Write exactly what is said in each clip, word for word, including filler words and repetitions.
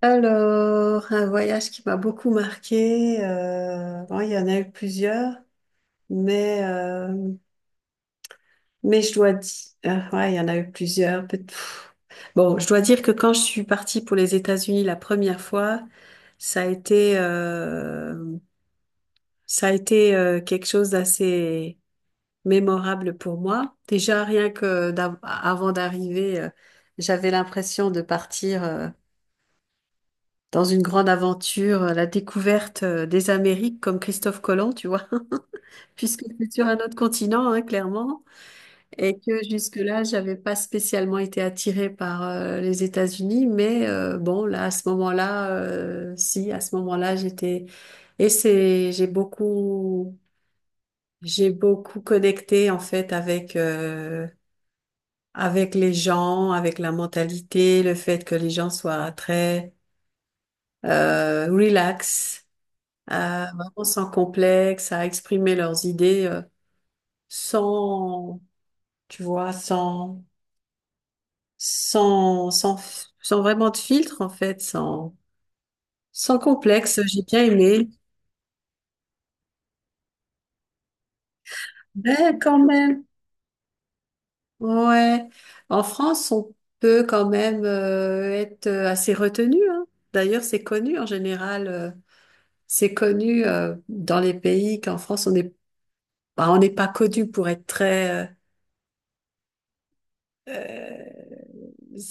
Alors, un voyage qui m'a beaucoup marqué, euh, bon, il y en a eu plusieurs, mais, euh, mais je dois dire, ouais, il y en a eu plusieurs. Peut- pff. Bon, je dois dire que quand je suis partie pour les États-Unis la première fois, ça a été, euh, ça a été euh, quelque chose d'assez mémorable pour moi. Déjà, rien que d'av- avant d'arriver, euh, j'avais l'impression de partir. Euh, dans une grande aventure, euh, la découverte euh, des Amériques comme Christophe Colomb, tu vois, puisque c'est sur un autre continent, hein, clairement, et que jusque-là, j'avais pas spécialement été attirée par euh, les États-Unis, mais euh, bon, là, à ce moment-là, euh, si, à ce moment-là, j'étais, et c'est, j'ai beaucoup, j'ai beaucoup connecté en fait avec. Euh, avec les gens, avec la mentalité, le fait que les gens soient très euh, relax, à vraiment sans complexe, à exprimer leurs idées euh, sans, tu vois, sans, sans, sans, sans vraiment de filtre en fait, sans, sans complexe. J'ai bien aimé. Ben quand même, ouais. En France, on peut quand même euh, être euh, assez retenu, hein. D'ailleurs, c'est connu en général. Euh, c'est connu euh, dans les pays qu'en France, on n'est pas, on n'est pas connu pour être très euh, euh,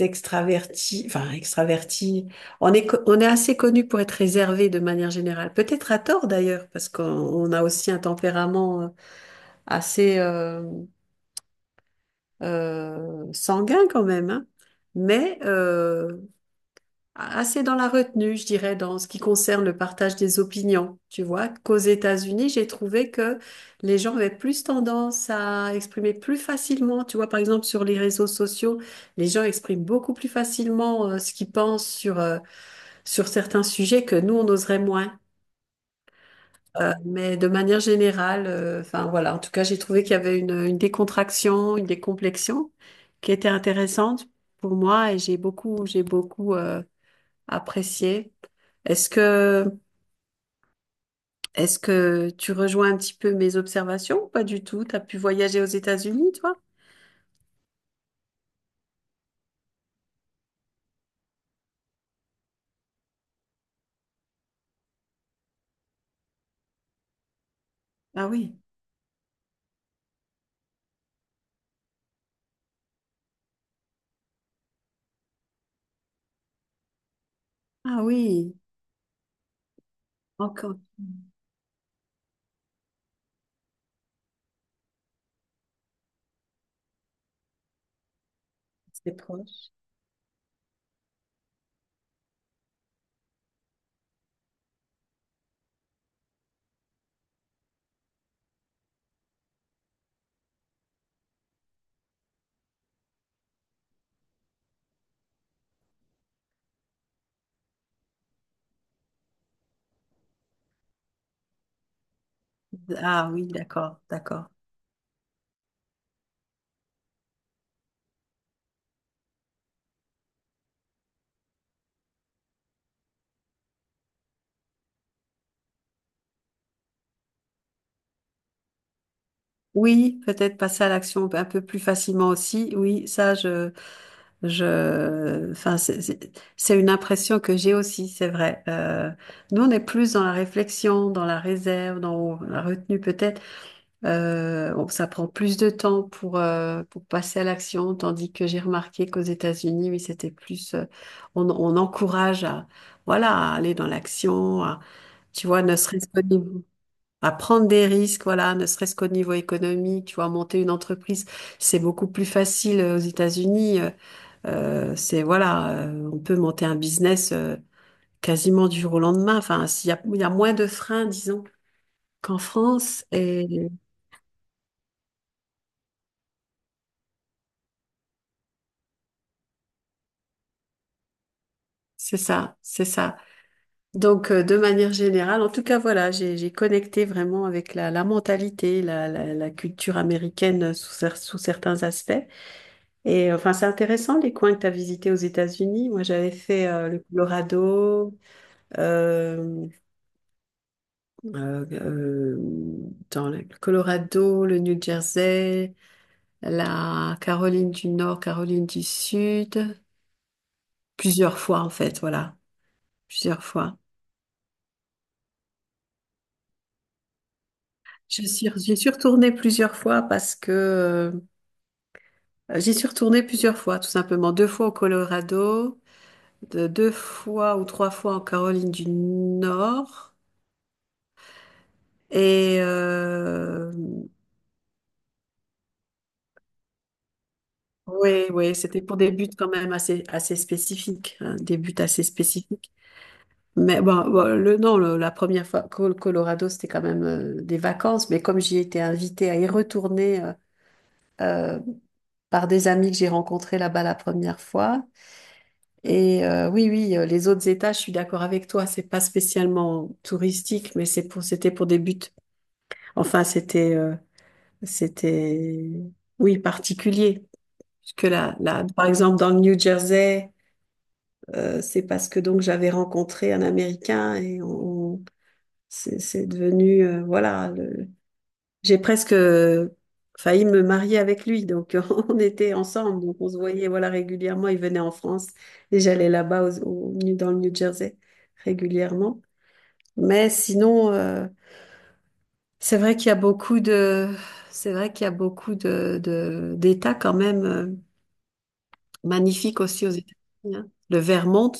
extravertis, enfin extravertis. On est, co- on est assez connu pour être réservé de manière générale. Peut-être à tort d'ailleurs, parce qu'on on a aussi un tempérament euh, assez euh, euh, sanguin quand même, hein. Mais euh, assez dans la retenue, je dirais, dans ce qui concerne le partage des opinions. Tu vois, qu'aux États-Unis, j'ai trouvé que les gens avaient plus tendance à exprimer plus facilement. Tu vois, par exemple, sur les réseaux sociaux, les gens expriment beaucoup plus facilement euh, ce qu'ils pensent sur, euh, sur certains sujets que nous, on oserait moins. Euh, mais de manière générale, euh, enfin voilà, en tout cas, j'ai trouvé qu'il y avait une, une décontraction, une décomplexion qui était intéressante pour moi et j'ai beaucoup, j'ai beaucoup euh, apprécié. Est-ce que, est-ce que tu rejoins un petit peu mes observations ou pas du tout? T'as pu voyager aux États-Unis, toi? Ah oui, ah oui, encore. C'est proche. Ah oui, d'accord, d'accord. Oui, peut-être passer à l'action un peu plus facilement aussi. Oui, ça, je, je, enfin, c'est c'est- c'est une impression que j'ai aussi, c'est vrai. Euh, nous, on est plus dans la réflexion, dans la réserve, dans la retenue peut-être. Euh, bon, ça prend plus de temps pour, euh, pour passer à l'action, tandis que j'ai remarqué qu'aux États-Unis, oui, c'était plus, euh, on, on encourage à, voilà, à aller dans l'action, à, tu vois, ne serait-ce qu'au niveau, à prendre des risques, voilà, ne serait-ce qu'au niveau économique, tu vois, monter une entreprise, c'est beaucoup plus facile euh, aux États-Unis. Euh, euh, c'est, voilà, euh, on peut monter un business, euh, quasiment du jour au lendemain. Enfin, s'il y a, il y a moins de freins, disons, qu'en France, et c'est ça, c'est ça. Donc, euh, de manière générale, en tout cas, voilà, j'ai j'ai connecté vraiment avec la, la mentalité, la, la, la culture américaine sous, cer- sous certains aspects. Et euh, enfin, c'est intéressant les coins que tu as visités aux États-Unis. Moi, j'avais fait euh, le Colorado, euh, euh, euh, dans le Colorado, le New Jersey, la Caroline du Nord, Caroline du Sud, plusieurs fois en fait, voilà, plusieurs fois. Je suis, j'y suis retournée plusieurs fois parce que euh, Euh, j'y suis retournée plusieurs fois, tout simplement. Deux fois au Colorado, de- deux fois ou trois fois en Caroline du Nord. Et euh, oui, oui, c'était pour des buts quand même assez, assez spécifiques, hein, des buts assez spécifiques. Mais bon, bon, le, non, le- la première fois au Colorado, c'était quand même euh, des vacances. Mais comme j'y étais invitée à y retourner euh, euh, par des amis que j'ai rencontrés là-bas la première fois, et euh, oui, oui, euh, les autres États, je suis d'accord avec toi. C'est pas spécialement touristique, mais c'est pour, c'était pour des buts. Enfin, c'était, euh, c'était, oui, particulier, parce que là, là, par exemple, dans le New Jersey, euh, c'est parce que donc j'avais rencontré un Américain et on, c'est c'est devenu, euh, voilà, j'ai presque euh, failli me marier avec lui, donc on était ensemble, donc on se voyait voilà régulièrement. Il venait en France et j'allais là-bas au- au New- dans le New Jersey régulièrement. Mais sinon, euh, c'est vrai qu'il y a beaucoup de, c'est vrai qu'il y a beaucoup de, de- d'États quand même euh, magnifiques aussi aux États-Unis, hein. Le Vermont,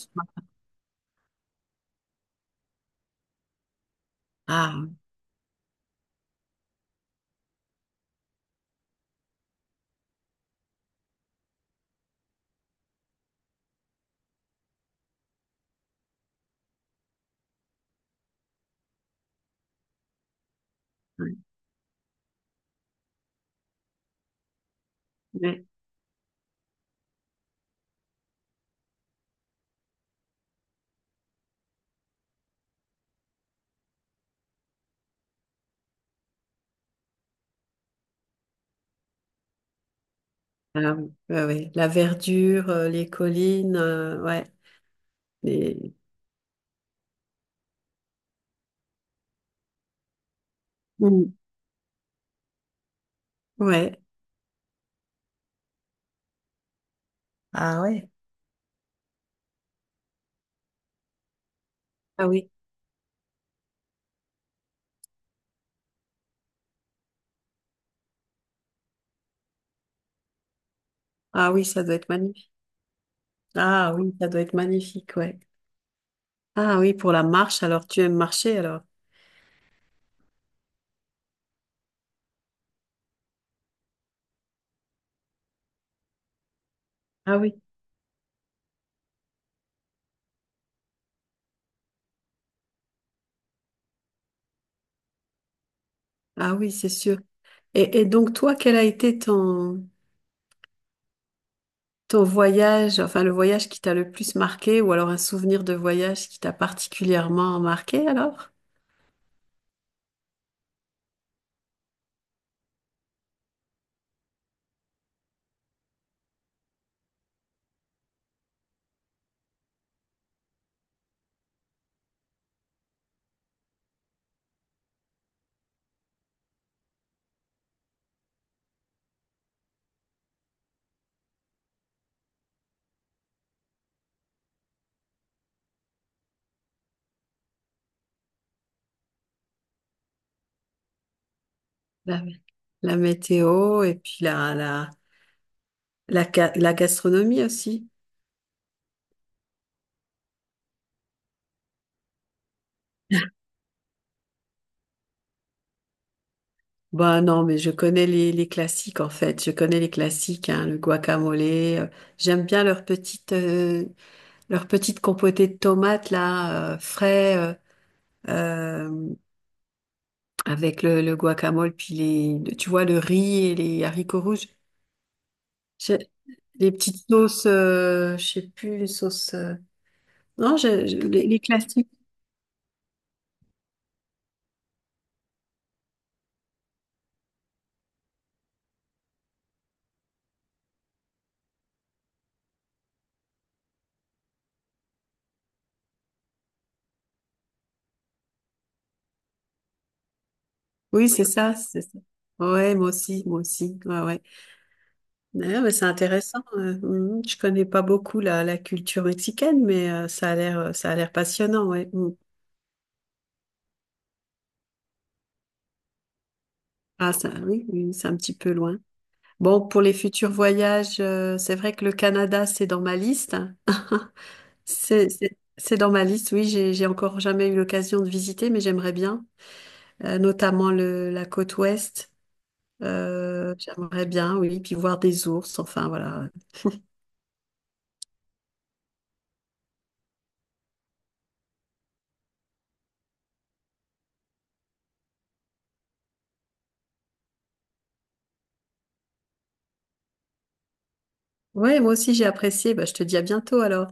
ah ouais, ouais, ah oui, ouais, ouais. La verdure, euh, les collines, euh, ouais, les... Mm. Ouais, ah ouais. Ah oui. Ah oui, ça doit être magnifique. Ah oui, ça doit être magnifique, ouais. Ah oui, pour la marche, alors tu aimes marcher alors. Ah oui, ah oui, c'est sûr. Et, et donc toi, quel a été ton, ton voyage, enfin le voyage qui t'a le plus marqué, ou alors un souvenir de voyage qui t'a particulièrement marqué alors? La, la météo et puis la, la, la, ga- la gastronomie aussi. Ben non, mais je connais les, les classiques en fait. Je connais les classiques, hein, le guacamole. euh, J'aime bien leurs petites euh, leur petite compotée de tomates là, euh, frais, euh, euh, avec le, le guacamole, puis les, tu vois, le riz et les haricots rouges. J'ai- Les petites sauces, euh, je sais plus, les sauces... euh, non, je- je- les, les classiques. Oui, c'est ça, c'est ça. Ouais, moi aussi, moi aussi. Ouais, ouais. Ouais, mais c'est intéressant. Euh, mhm. Je connais pas beaucoup la, la culture mexicaine, mais euh, ça a l'air, euh, ça a l'air passionnant, ouais. Mm. Ah, ça, oui, oui, c'est un petit peu loin. Bon, pour les futurs voyages, euh, c'est vrai que le Canada, c'est dans ma liste. C'est, c'est- c'est dans ma liste, oui, j'ai, j'ai encore jamais eu l'occasion de visiter, mais j'aimerais bien. Euh, notamment le, la côte ouest. Euh, j'aimerais bien, oui, puis voir des ours, enfin voilà. Ouais, moi aussi j'ai apprécié. Bah, je te dis à bientôt alors.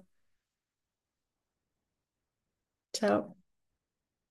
Ciao.